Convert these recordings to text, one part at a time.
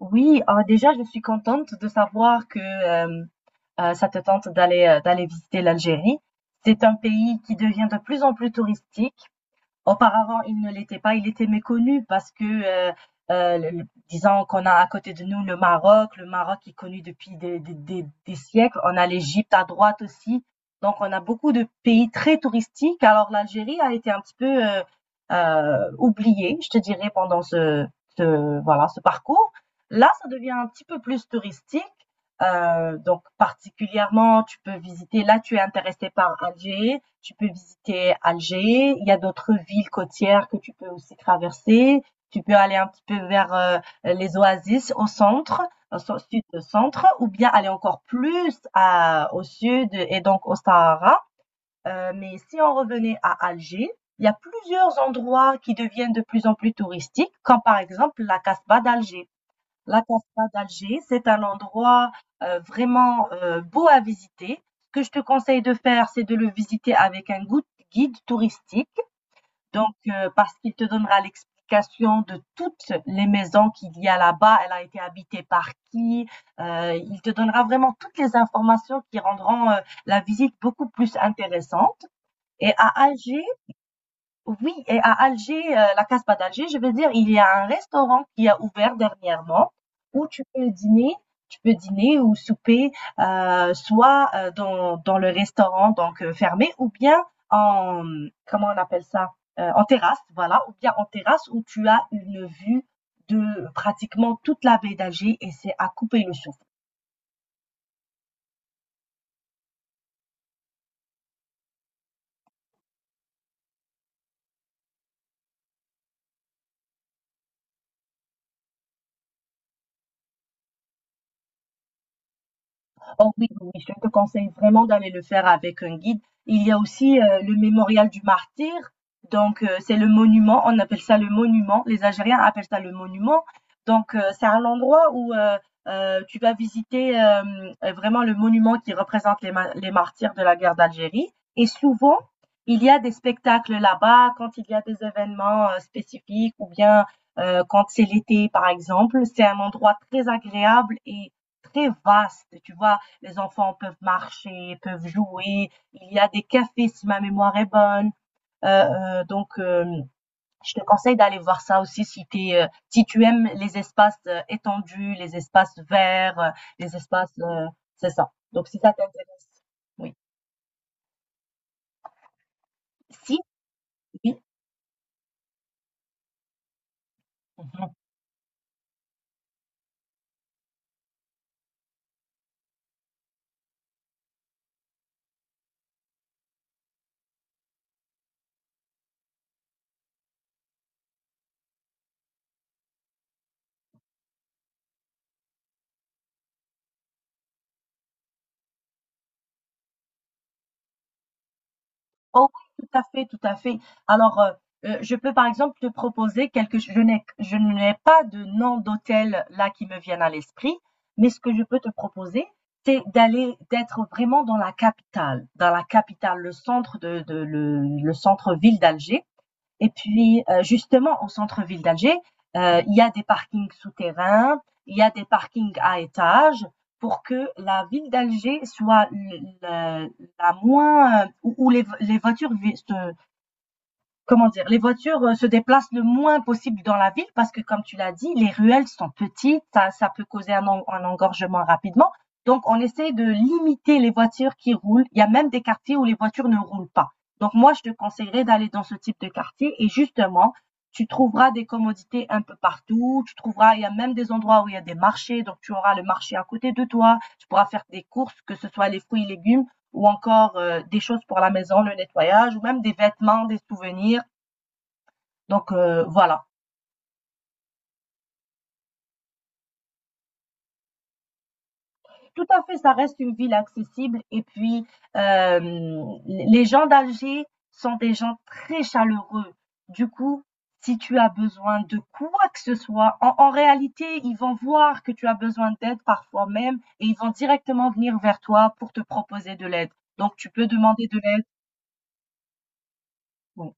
Oui, ah, déjà, je suis contente de savoir que ça te tente d'aller d'aller visiter l'Algérie. C'est un pays qui devient de plus en plus touristique. Auparavant, il ne l'était pas. Il était méconnu parce que, disons qu'on a à côté de nous le Maroc qui est connu depuis des siècles. On a l'Égypte à droite aussi. Donc, on a beaucoup de pays très touristiques. Alors, l'Algérie a été un petit peu oubliée, je te dirais, pendant voilà, ce parcours. Là, ça devient un petit peu plus touristique. Donc particulièrement, tu peux visiter, là tu es intéressé par Alger, tu peux visiter Alger, il y a d'autres villes côtières que tu peux aussi traverser, tu peux aller un petit peu vers les oasis au centre, au sud-centre, ou bien aller encore plus au sud et donc au Sahara. Mais si on revenait à Alger, il y a plusieurs endroits qui deviennent de plus en plus touristiques, comme par exemple la Casbah d'Alger. La Casbah d'Alger, c'est un endroit vraiment beau à visiter. Ce que je te conseille de faire, c'est de le visiter avec un guide touristique, parce qu'il te donnera l'explication de toutes les maisons qu'il y a là-bas, elle a été habitée par qui. Il te donnera vraiment toutes les informations qui rendront la visite beaucoup plus intéressante. Et à Alger, oui, et à Alger, la Casbah d'Alger, je veux dire, il y a un restaurant qui a ouvert dernièrement où tu peux dîner, tu peux dîner ou souper, soit, dans le restaurant donc fermé ou bien en, comment on appelle ça? En terrasse, voilà, ou bien en terrasse où tu as une vue de pratiquement toute la baie d'Alger et c'est à couper le souffle. Oh oui, oui, oui, je te conseille vraiment d'aller le faire avec un guide. Il y a aussi le mémorial du martyr. C'est le monument. On appelle ça le monument. Les Algériens appellent ça le monument. C'est un endroit où tu vas visiter vraiment le monument qui représente les martyrs de la guerre d'Algérie. Et souvent, il y a des spectacles là-bas quand il y a des événements spécifiques ou bien quand c'est l'été, par exemple. C'est un endroit très agréable et très vaste, tu vois. Les enfants peuvent marcher, peuvent jouer. Il y a des cafés si ma mémoire est bonne. Euh, euh, donc, euh, je te conseille d'aller voir ça aussi si, si tu aimes les espaces étendus, les espaces verts, les espaces. C'est ça. Donc, si ça t'intéresse. Oui. Si, oui. Mhm. Oh oui, tout à fait, tout à fait. Alors, euh, je peux par exemple te proposer quelque chose. Je n'ai pas de nom d'hôtel là qui me viennent à l'esprit, mais ce que je peux te proposer, c'est d'aller, d'être vraiment dans la capitale, le centre-ville d'Alger. Et puis, justement, au centre-ville d'Alger, il y a des parkings souterrains, il y a des parkings à étages pour que la ville d'Alger la, la moins, où, où les comment dire, les voitures se déplacent le moins possible dans la ville parce que, comme tu l'as dit, les ruelles sont petites, ça peut causer un engorgement rapidement. Donc, on essaie de limiter les voitures qui roulent. Il y a même des quartiers où les voitures ne roulent pas. Donc, moi, je te conseillerais d'aller dans ce type de quartier et justement, tu trouveras des commodités un peu partout. Tu trouveras, il y a même des endroits où il y a des marchés. Donc, tu auras le marché à côté de toi. Tu pourras faire des courses, que ce soit les fruits et légumes ou encore des choses pour la maison, le nettoyage, ou même des vêtements, des souvenirs. Voilà. Tout à fait, ça reste une ville accessible. Et puis, les gens d'Alger sont des gens très chaleureux. Du coup, si tu as besoin de quoi que ce soit, en réalité, ils vont voir que tu as besoin d'aide parfois même et ils vont directement venir vers toi pour te proposer de l'aide. Donc, tu peux demander de l'aide. Oui.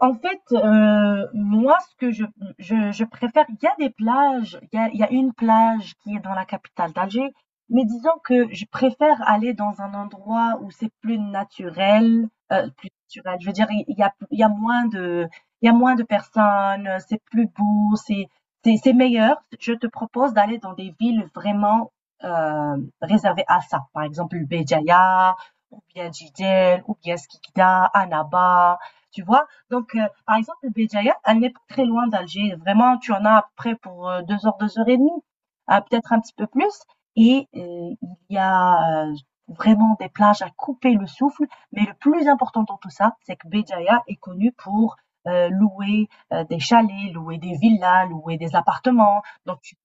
Moi, ce que je préfère, il y a des plages, il y a une plage qui est dans la capitale d'Alger, mais disons que je préfère aller dans un endroit où c'est plus naturel, je veux dire, il y a moins de, il y a moins de personnes, c'est plus beau, c'est c'est meilleur. Je te propose d'aller dans des villes vraiment, réservées à ça. Par exemple, Béjaïa ou bien Jidel ou bien Skikda, Annaba, tu vois? Donc, euh, Par exemple, Béjaïa, elle n'est pas très loin d'Alger. Vraiment, tu en as à peu près pour 2 heures, 2 heures et demie, ah, peut-être un petit peu plus. Et euh, il y a vraiment des plages à couper le souffle. Mais le plus important dans tout ça, c'est que Béjaïa est connue pour louer des chalets, louer des villas, louer des appartements. Donc, tu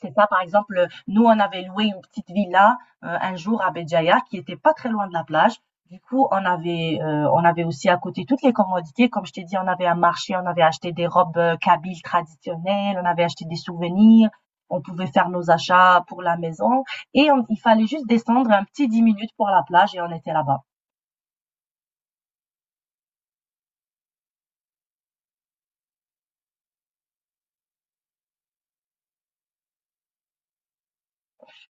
C'est ça, par exemple, nous, on avait loué une petite villa un jour à Béjaïa qui était pas très loin de la plage. Du coup, on avait aussi à côté toutes les commodités. Comme je t'ai dit, on avait un marché, on avait acheté des robes kabyles traditionnelles, on avait acheté des souvenirs, on pouvait faire nos achats pour la maison. Et il fallait juste descendre un petit 10 minutes pour la plage et on était là-bas.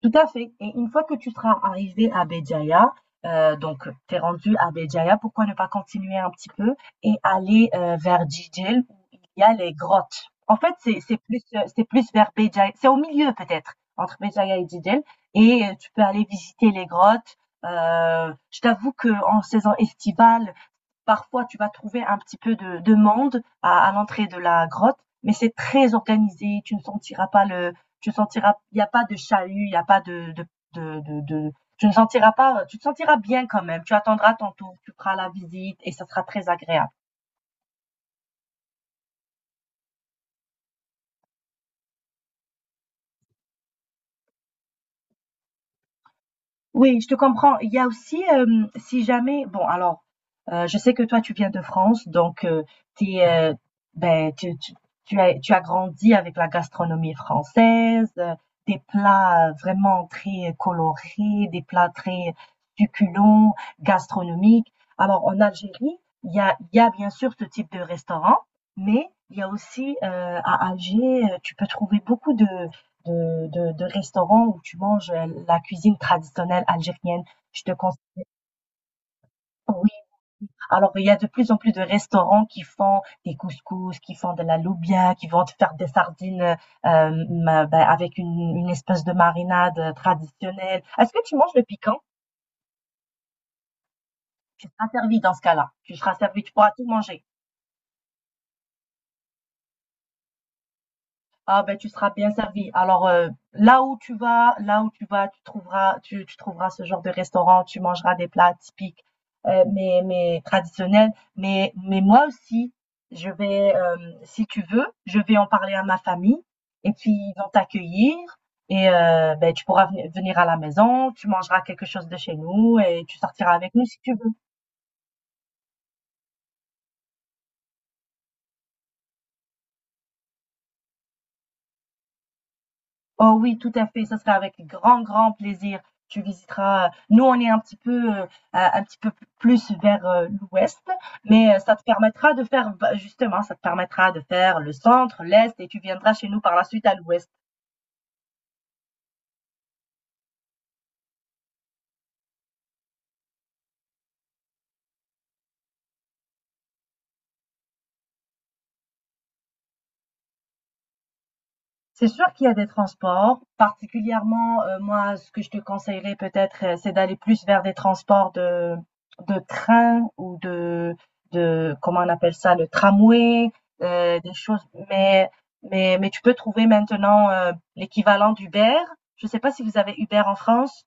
Tout à fait. Et une fois que tu seras arrivé à Béjaïa, donc t'es rendu à Béjaïa, pourquoi ne pas continuer un petit peu et aller vers Djidjel où il y a les grottes. En fait, c'est plus vers Béjaïa, c'est au milieu peut-être entre Béjaïa et Djidjel et tu peux aller visiter les grottes. Je t'avoue que en saison estivale, parfois, tu vas trouver un petit peu de monde à l'entrée de la grotte, mais c'est très organisé. Tu ne sentiras pas le, tu ne sentiras, Il n'y a pas de chahut, il n'y a pas de tu ne sentiras pas, tu te sentiras bien quand même. Tu attendras ton tour, tu feras la visite et ça sera très agréable. Oui, je te comprends. Il y a aussi, si jamais bon alors, je sais que toi tu viens de France donc tu es, heu, tu tu tu as, grandi avec la gastronomie française, des plats, vraiment très colorés, des plats très succulents, gastronomiques. Alors en Algérie, il y a bien sûr ce type de restaurant, mais il y a aussi, à Alger, tu peux trouver beaucoup de restaurants où tu manges la cuisine traditionnelle algérienne. Je te conseille. Oui. Alors, il y a de plus en plus de restaurants qui font des couscous, qui font de la loubia, qui vont te faire des sardines ben, avec une espèce de marinade traditionnelle. Est-ce que tu manges le piquant? Tu seras servi dans ce cas-là. Tu seras servi, tu pourras tout manger. Ah ben tu seras bien servi. Là où tu vas, là où tu vas, tu trouveras, tu trouveras ce genre de restaurant, tu mangeras des plats typiques, mais traditionnels. Mais moi aussi, je vais, euh, si tu veux, je vais en parler à ma famille et puis ils vont t'accueillir et ben, tu pourras venir à la maison, tu mangeras quelque chose de chez nous et tu sortiras avec nous si tu veux. Oh oui, tout à fait, ça sera avec grand, grand plaisir. Tu visiteras, nous on est un petit peu, un petit peu plus vers, l'ouest, mais ça te permettra de faire, bah, justement, ça te permettra de faire le centre, l'est et tu viendras chez nous par la suite à l'ouest. C'est sûr qu'il y a des transports. Particulièrement, moi, ce que je te conseillerais peut-être, c'est d'aller plus vers des transports de train ou de, comment on appelle ça? Le tramway, des choses mais tu peux trouver maintenant, l'équivalent d'Uber. Je ne sais pas si vous avez Uber en France?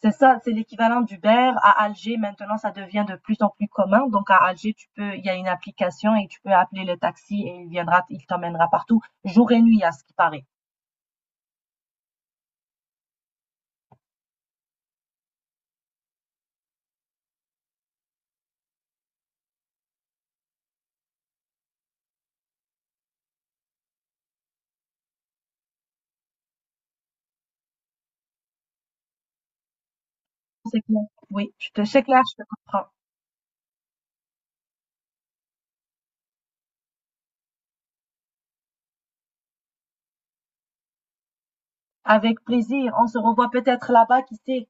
C'est ça, c'est l'équivalent d'Uber. À Alger, maintenant, ça devient de plus en plus commun. Donc à Alger, tu peux il y a une application et tu peux appeler le taxi et il viendra, il t'emmènera partout, jour et nuit à ce qui paraît. C'est clair. Oui, je te c'est clair, je te comprends. Avec plaisir. On se revoit peut-être là-bas, qui sait?